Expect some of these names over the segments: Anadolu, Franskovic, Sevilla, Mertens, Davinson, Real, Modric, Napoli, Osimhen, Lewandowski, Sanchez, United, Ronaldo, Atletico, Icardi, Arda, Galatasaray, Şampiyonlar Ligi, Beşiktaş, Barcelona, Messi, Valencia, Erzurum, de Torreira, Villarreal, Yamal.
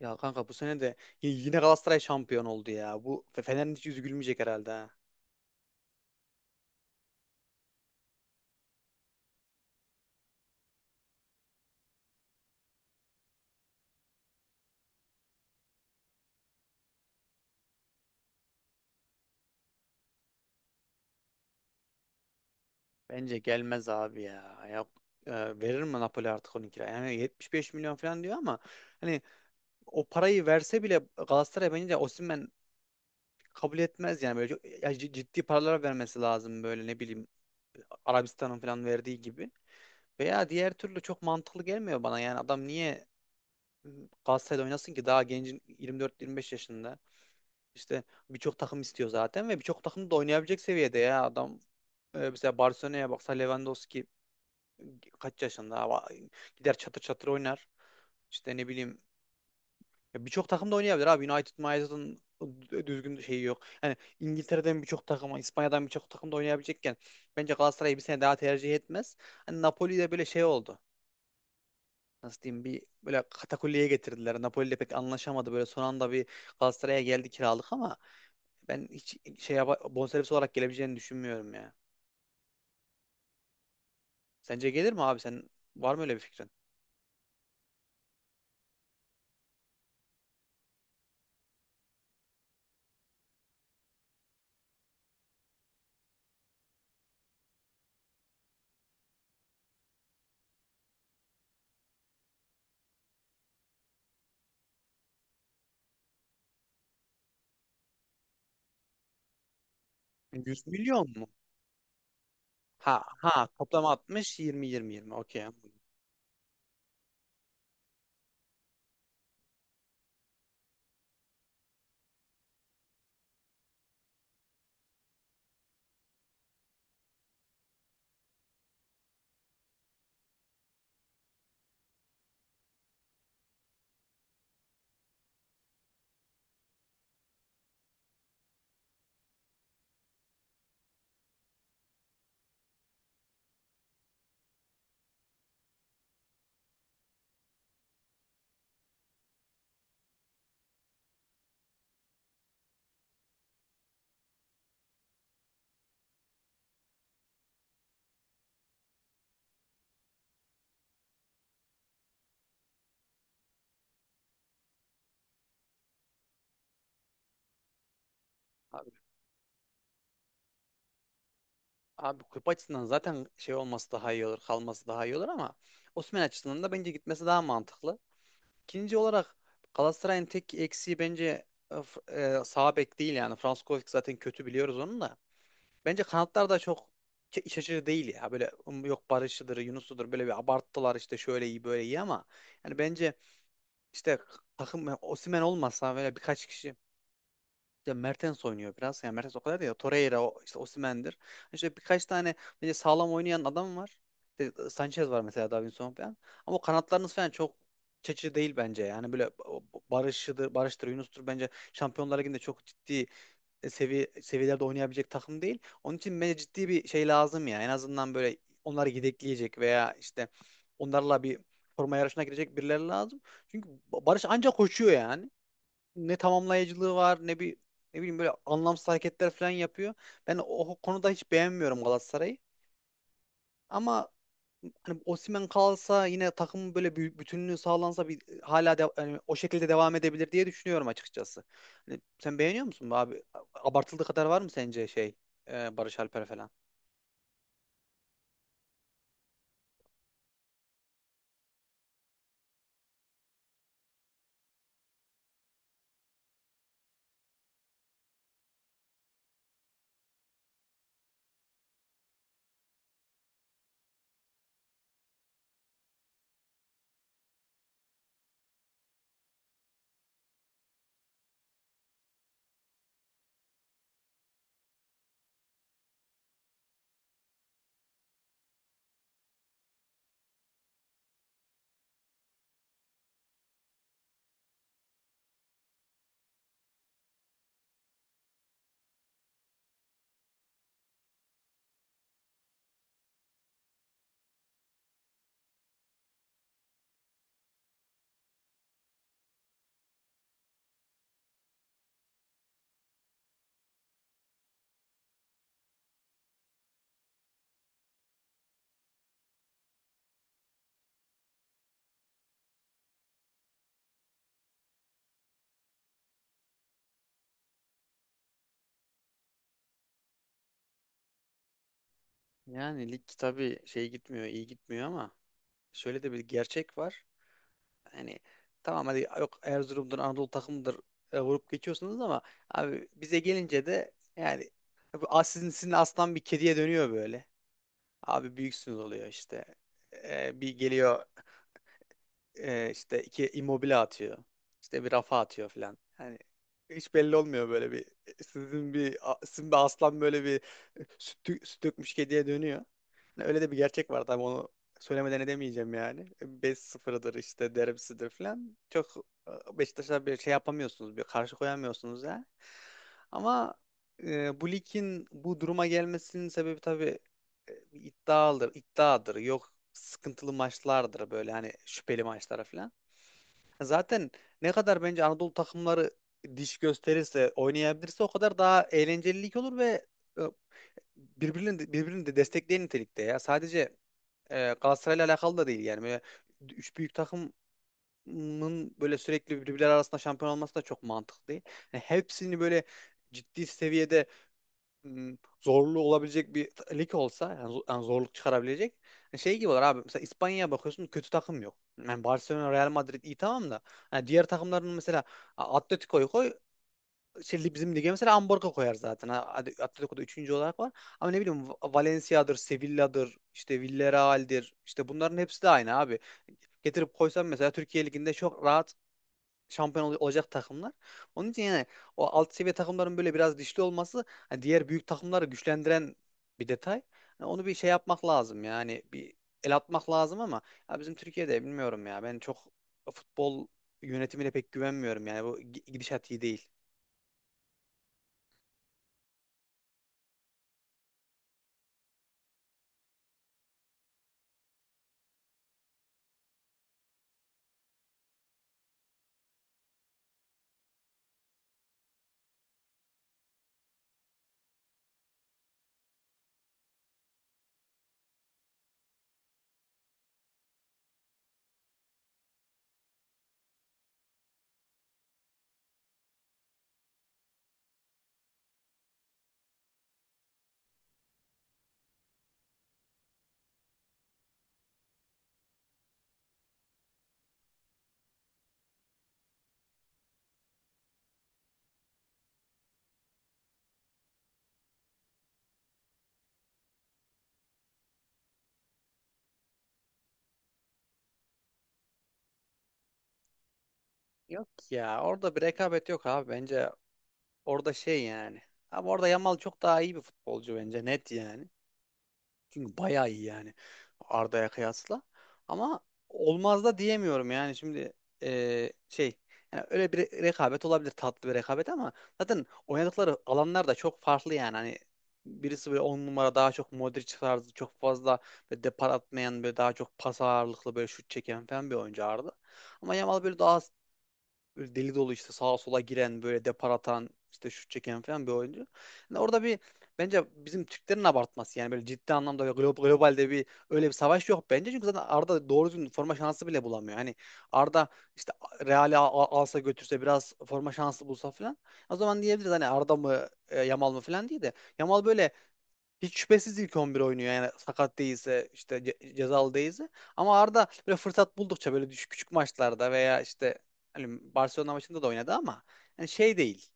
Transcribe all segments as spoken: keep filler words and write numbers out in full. Ya kanka bu sene de y- yine Galatasaray şampiyon oldu ya. Bu Fe- Fener'in hiç yüzü gülmeyecek herhalde ha. Bence gelmez abi ya. Ya e, verir mi Napoli artık on iki kira? Yani yetmiş beş milyon falan diyor ama hani o parayı verse bile Galatasaray bence Osimhen kabul etmez yani böyle çok- ya c- ciddi paralar vermesi lazım böyle ne bileyim Arabistan'ın falan verdiği gibi. Veya diğer türlü çok mantıklı gelmiyor bana yani adam niye Galatasaray'da oynasın ki daha gencin yirmi dört, yirmi beş yaşında. İşte birçok takım istiyor zaten ve birçok takım da oynayabilecek seviyede ya adam. Ee, mesela Barcelona'ya baksa Lewandowski kaç yaşında ama gider çatır çatır oynar. İşte ne bileyim ya birçok takım da oynayabilir abi. United, United'ın düzgün şeyi yok. Yani İngiltere'den birçok takım, İspanya'dan birçok takım da oynayabilecekken bence Galatasaray'ı bir sene daha tercih etmez. Hani Napoli'de böyle şey oldu. Nasıl diyeyim bir böyle katakulliye getirdiler. Napoli'yle pek anlaşamadı. Böyle son anda bir Galatasaray'a geldi kiralık ama ben hiç şey yapa- bonservis olarak gelebileceğini düşünmüyorum ya. Sence gelir mi abi? Sen var mı öyle bir fikrin? yüz milyon mu? Ha ha, toplam altmış yirmi yirmi yirmi. Okey. Anladım. Abi, abi kulüp açısından zaten şey olması daha iyi olur, kalması daha iyi olur ama Osimhen açısından da bence gitmesi daha mantıklı. İkinci olarak Galatasaray'ın tek eksiği bence e, F- e, sağ bek değil yani. Franskovic zaten kötü biliyoruz onun da. Bence kanatlar da çok ke- iç açıcı değil ya. Böyle um, yok Barış'ıdır, Yunus'udur böyle bir abarttılar işte şöyle iyi böyle iyi ama yani bence işte takım yani Osimhen olmasa böyle birkaç kişi işte Mertens oynuyor biraz. Yani Mertens o kadar değil. De Torreira, o- işte Osimhen'dir. İşte birkaç tane böyle sağlam oynayan adam var. İşte Sanchez var mesela Davinson falan. Ama o kanatlarınız falan çok çeşitli değil bence. Yani böyle o- o Barış'ıdır, Barış'tır, Yunus'tur bence Şampiyonlar Ligi'nde çok ciddi seviye seviyelerde oynayabilecek takım değil. Onun için bence ciddi bir şey lazım ya. En azından böyle onları yedekleyecek veya işte onlarla bir forma yarışına girecek birileri lazım. Çünkü Barış ancak koşuyor yani ne tamamlayıcılığı var ne bir ne bileyim böyle anlamsız hareketler falan yapıyor. Ben o konuda hiç beğenmiyorum Galatasaray'ı. Ama hani Osimhen kalsa yine takımın böyle bir bütünlüğü sağlansa bir hala de, hani o şekilde devam edebilir diye düşünüyorum açıkçası. Hani sen beğeniyor musun bu abi? Abartıldığı kadar var mı sence şey e, Barış Alper falan? Yani lig tabii şey gitmiyor, iyi gitmiyor ama şöyle de bir gerçek var. Hani tamam hadi yok Erzurum'dur Anadolu takımıdır e, vurup geçiyorsunuz ama abi bize gelince de yani e, bu as- sizin, sizin aslan bir kediye dönüyor böyle. Abi büyüksünüz oluyor işte. E, bir geliyor e, işte iki immobile atıyor. İşte bir rafa atıyor falan. Hani hiç belli olmuyor böyle bir e, sizin bir a- sizin bir aslan böyle bir e, süt, dö- süt dökmüş kediye dönüyor. Yani öyle de bir gerçek var tabii onu söylemeden edemeyeceğim yani. beş sıfırdır işte derbisidir falan. Çok e, Beşiktaş'a bir şey yapamıyorsunuz, bir karşı koyamıyorsunuz ya. Ama e, bu ligin bu duruma gelmesinin sebebi tabii e, bir iddiadır, iddiadır. Yok sıkıntılı maçlardır böyle hani şüpheli maçlara falan. Zaten ne kadar bence Anadolu takımları diş gösterirse, oynayabilirse o kadar daha eğlenceli lig olur ve e, birbirini de, birbirini de destekleyen nitelikte ya. Sadece e, Galatasaray'la alakalı da değil yani. Böyle üç büyük takımın böyle sürekli birbirleri arasında şampiyon olması da çok mantıklı değil. Yani hepsini böyle ciddi seviyede m, zorlu olabilecek bir t- lig olsa yani, zo- yani zorluk çıkarabilecek hani şey gibi olur abi. Mesela İspanya'ya bakıyorsun kötü takım yok. Yani Barcelona, Real Madrid iyi tamam da yani diğer takımların mesela A- Atletico'yu koy şey, bizim lige mesela Amborga koyar zaten. Ha, hadi Atletico'da üçüncü olarak var. Ama ne bileyim Va- Valencia'dır, Sevilla'dır, işte Villarreal'dir. İşte bunların hepsi de aynı abi. Getirip koysam mesela Türkiye Ligi'nde çok rahat şampiyon ol- olacak takımlar. Onun için yani o alt seviye takımların böyle biraz dişli olması hani diğer büyük takımları güçlendiren bir detay. Yani onu bir şey yapmak lazım yani bir el atmak lazım ama ya bizim Türkiye'de bilmiyorum ya ben çok futbol yönetimine pek güvenmiyorum yani bu gi- gidişat iyi değil. Ya orada bir rekabet yok abi bence orada şey yani. Ama orada Yamal çok daha iyi bir futbolcu bence net yani. Çünkü bayağı iyi yani Arda'ya kıyasla. Ama olmaz da diyemiyorum yani şimdi eee, şey yani öyle bir re- rekabet olabilir tatlı bir rekabet ama zaten oynadıkları alanlar da çok farklı yani. Hani birisi böyle on numara daha çok Modric tarzı çok fazla böyle depar atmayan böyle daha çok pas ağırlıklı böyle şut çeken falan bir oyuncu Arda. Ama Yamal böyle daha böyle deli dolu işte sağa sola giren böyle depar atan işte şut çeken falan bir oyuncu. Yani orada bir bence bizim Türklerin abartması yani böyle ciddi anlamda ve glo- globalde bir öyle bir savaş yok bence. Çünkü zaten Arda doğru düzgün forma şansı bile bulamıyor. Hani Arda işte Real'i al- alsa götürse biraz forma şansı bulsa falan. O zaman diyebiliriz hani Arda mı e, Yamal mı falan değil de Yamal böyle hiç şüphesiz ilk on bir oynuyor yani sakat değilse işte ce- cezalı değilse ama Arda böyle fırsat buldukça böyle düş küçük maçlarda veya işte hani Barcelona maçında da oynadı ama yani şey değil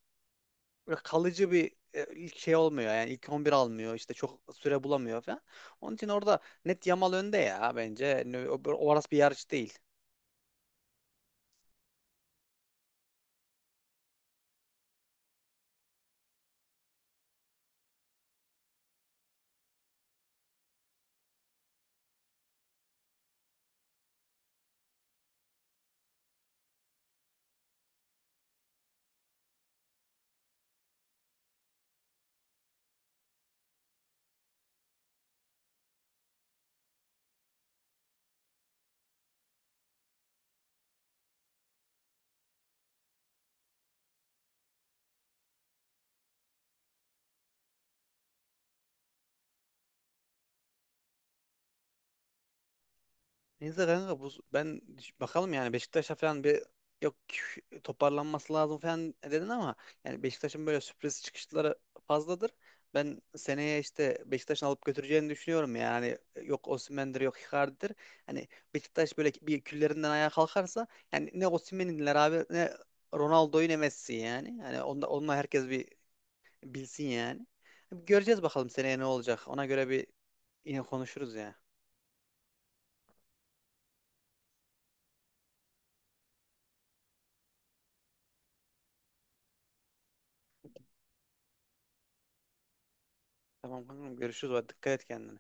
böyle kalıcı bir e, ilk şey olmuyor yani ilk on bir almıyor işte çok süre bulamıyor falan. Onun için orada net Yamal önde ya bence. Yani o- o- orası bir yarış değil. Neyse kanka bu, ben bakalım yani Beşiktaş'a falan bir yok toparlanması lazım falan dedin ama yani Beşiktaş'ın böyle sürpriz çıkışları fazladır. Ben seneye işte Beşiktaş'ın alıp götüreceğini düşünüyorum yani yok Osimhen'dir yok Icardi'dir. Hani Beşiktaş böyle bir küllerinden ayağa kalkarsa yani ne Osimhen'inler abi ne Ronaldo'yu ne Messi yani. Yani onda, onunla herkes bir bilsin yani. Göreceğiz bakalım seneye ne olacak. Ona göre bir yine konuşuruz ya. Tamam kankam görüşürüz. Hadi dikkat et kendine.